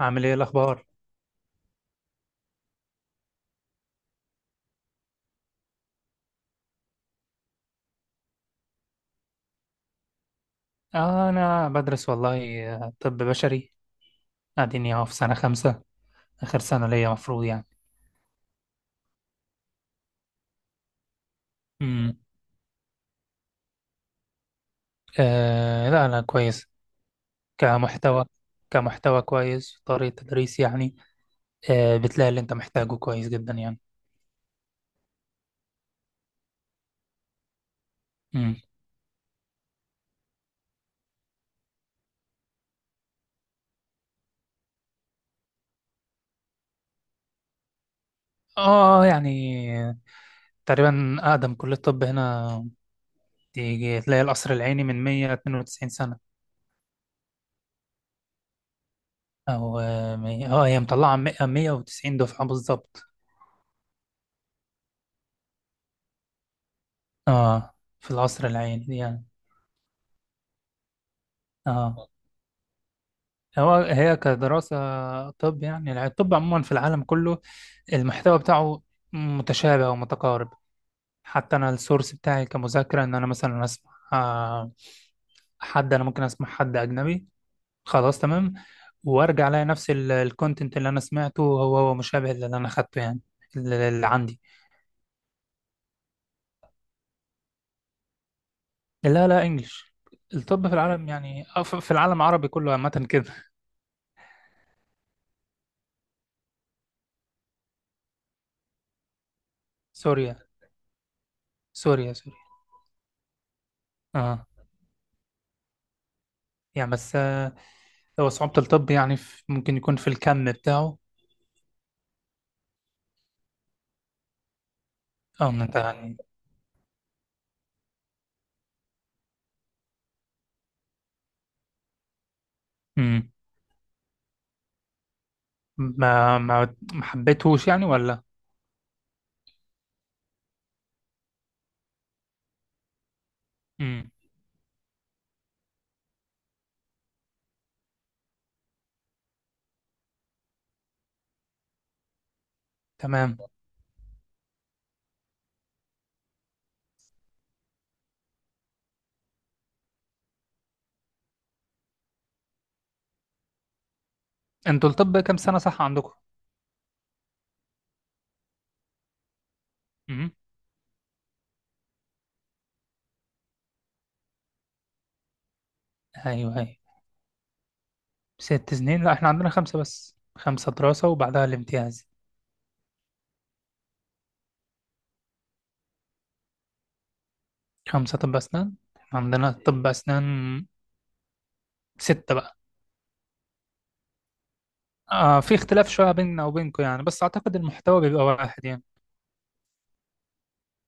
عامل ايه الاخبار؟ انا بدرس والله، طب بشري. قاعدين اهو في سنه خمسة، اخر سنه ليا مفروض يعني. امم آه، لا، لا، كويس. كمحتوى كمحتوى كويس، طريقه تدريس يعني. بتلاقي اللي انت محتاجه كويس جدا يعني. امم اه يعني تقريبا اقدم كليه طب هنا، تيجي تلاقي القصر العيني من 192 سنه. او هي مطلعه 190 دفعه بالظبط. اه في القصر العيني يعني. اه هو هي كدراسة طب يعني، الطب عموما في العالم كله المحتوى بتاعه متشابه ومتقارب. حتى أنا السورس بتاعي كمذاكرة إن أنا مثلا أسمع، أنا ممكن أسمع حد أجنبي. خلاص تمام. وأرجع ألاقي نفس الكونتنت اللي أنا سمعته، هو مشابه للي أنا أخدته يعني، اللي عندي. لا، لا، إنجلش. الطب في العالم يعني في العالم العربي كله عامة كده. سوريا، سوريا، سوريا. اه يعني بس هو صعوبة الطب يعني، ممكن يكون في الكم بتاعه. اه انت يعني. امم ما حبيتهوش يعني ولا. امم تمام. انتوا الطب كام سنة، صح عندكم؟ امم ايوه، ايوه. ست سنين؟ لا، احنا عندنا خمسة، بس خمسة دراسة وبعدها الامتياز. خمسة طب أسنان، إحنا عندنا طب أسنان ستة بقى. في اختلاف شوية بيننا وبينكم يعني، بس أعتقد المحتوى بيبقى واحد يعني.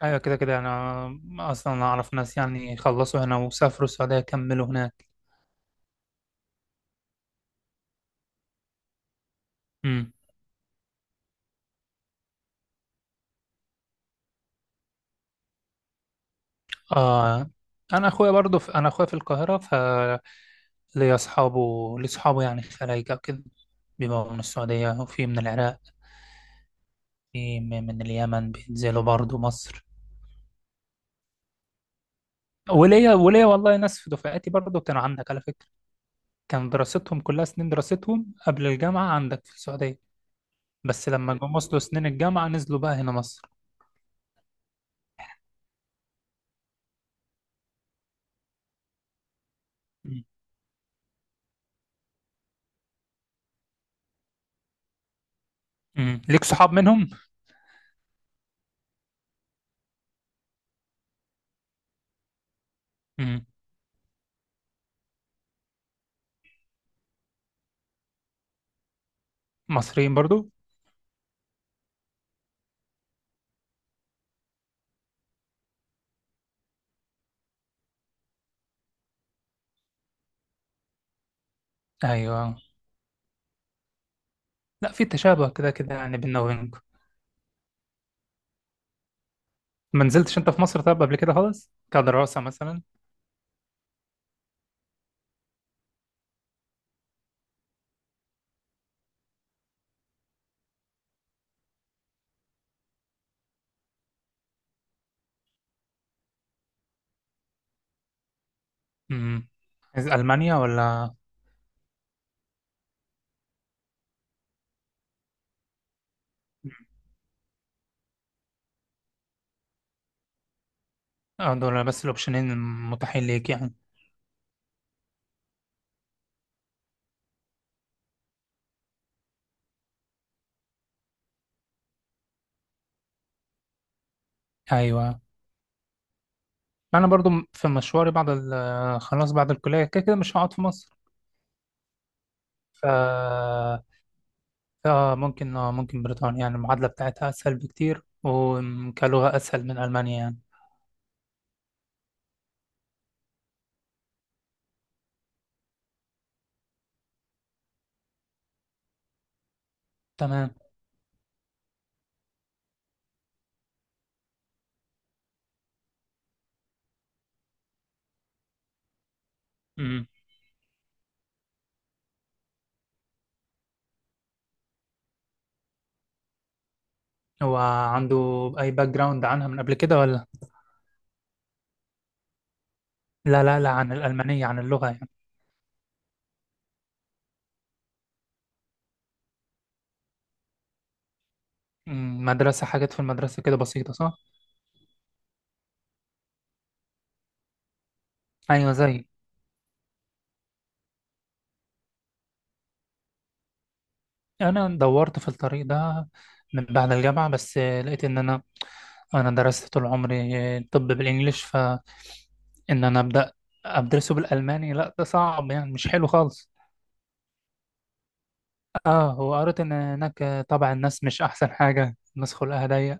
أيوة، كده كده أنا أصلا أعرف ناس يعني خلصوا هنا وسافروا السعودية، كملوا هناك. آه انا اخويا في القاهره، فليا اصحابه لي اصحابه يعني خلايجه كده، بيبقوا من السعوديه وفي من العراق. في من اليمن بينزلوا برضو مصر. وليا والله ناس في دفعتي برضو كانوا عندك على فكره، كان دراستهم كلها، سنين دراستهم قبل الجامعه عندك في السعوديه، بس لما جم وصلوا سنين الجامعه نزلوا بقى هنا مصر. مم. مم. ليك صحاب منهم؟ مم. مصريين برضو؟ ايوه. لا، في تشابه كده كده يعني بيننا وبينكم. ما نزلتش انت في مصر طب قبل كده خالص كدراسة مثلا؟ امم عايز ألمانيا ولا؟ دول بس الأوبشنين المتاحين ليك يعني. أيوة، أنا برضو في مشواري بعد ال آه، خلاص بعد الكلية كده كده مش هقعد في مصر. ف ممكن بريطانيا، يعني المعادلة بتاعتها أسهل بكتير، وكلغة أسهل من ألمانيا يعني. تمام. امم هو عنده أي باك جراوند عنها من قبل كده ولا؟ لا، لا، لا، عن الألمانية، عن اللغة يعني. مدرسة حاجات في المدرسة كده بسيطة، صح؟ أيوة، زي. انا دورت في الطريق ده من بعد الجامعه، بس لقيت ان انا درست طول عمري طب بالانجليش، فان انا ابدا ادرسه بالالماني؟ لا، ده صعب يعني، مش حلو خالص. اه وقريت ان هناك طبع الناس مش احسن حاجه، الناس خلقها ضيق.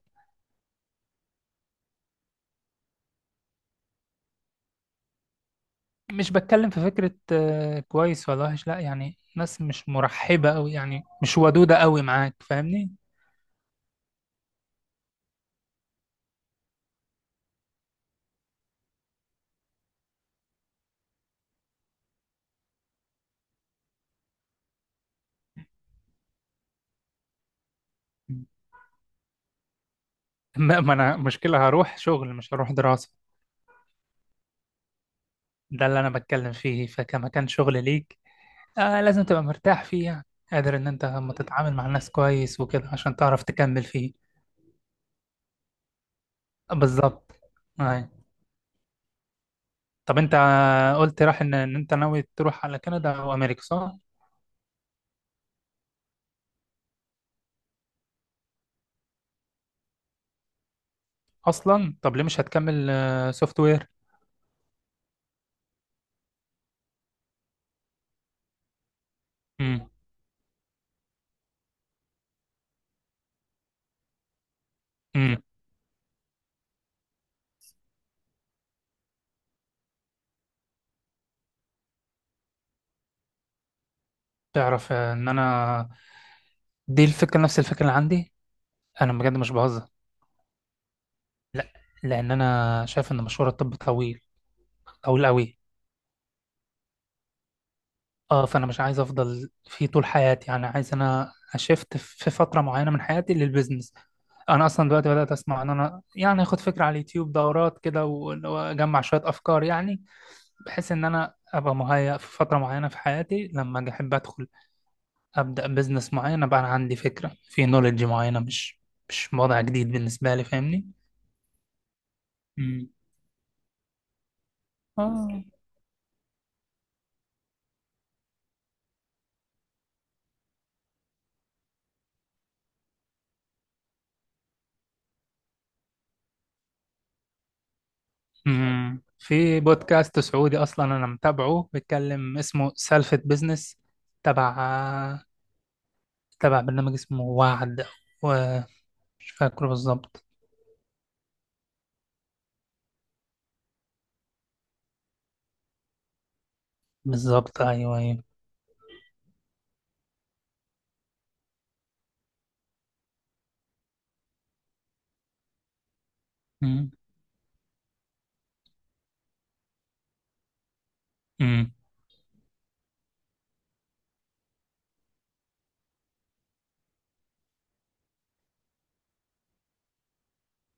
مش بتكلم في فكره كويس ولا وحش، لا يعني ناس مش مرحبه قوي يعني، مش ودوده قوي معاك، فاهمني؟ ما انا مشكله هروح شغل، مش هروح دراسه. ده اللي انا بتكلم فيه، فكمكان شغل ليك لازم تبقى مرتاح فيه يعني، قادر ان انت لما تتعامل مع الناس كويس وكده عشان تعرف تكمل فيه. بالظبط. آه. طب انت قلت راح ان انت ناوي تروح على كندا او امريكا، صح؟ اصلا طب ليه مش هتكمل سوفت وير؟ امم امم تعرف، ان انا دي الفكره، نفس الفكره اللي عندي. انا بجد مش بهزر. لا، لان انا شايف ان مشوار الطب طويل، طويل قوي. اه فانا مش عايز افضل فيه طول حياتي يعني، عايز انا اشفت في فتره معينه من حياتي للبيزنس. انا اصلا دلوقتي بدات اسمع ان انا يعني اخد فكره على اليوتيوب، دورات كده واجمع شويه افكار يعني، بحيث ان انا ابقى مهيأ في فتره معينه في حياتي لما اجي احب ادخل، ابدا بيزنس معين، ابقى انا عندي فكره في نوليدج معينه، مش وضع جديد بالنسبه لي، فاهمني؟ مم. اه. في بودكاست سعودي اصلا انا متابعه بيتكلم، اسمه سالفة بزنس، تبع تبع برنامج اسمه وعد، ومش فاكره بالظبط. بالظبط، ايوه، ايوه. امم امم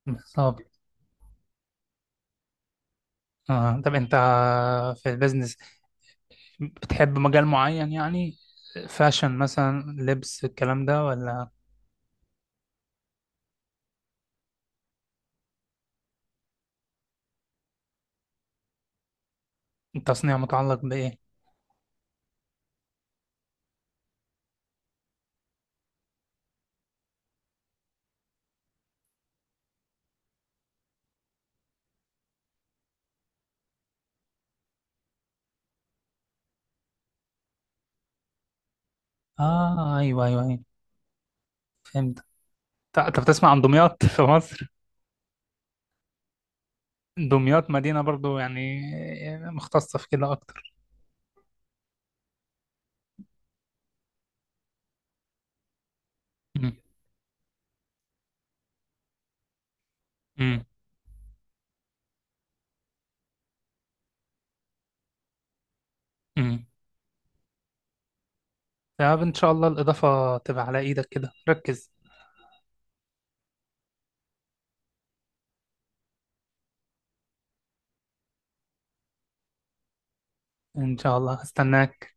بالظبط. آه. طب انت في البزنس بتحب مجال معين يعني، فاشن مثلا لبس، الكلام ده ولا؟ التصنيع متعلق بايه؟ اه، ايوه، ايوه، ايوه، فهمت. طب تسمع عن دمياط في مصر؟ دمياط مدينة برضو يعني مختصة في كده أكتر. مم. مم. مم. يا رب، إن شاء الله الإضافة تبقى على إيدك، كده ركز. إن شاء الله هستناك.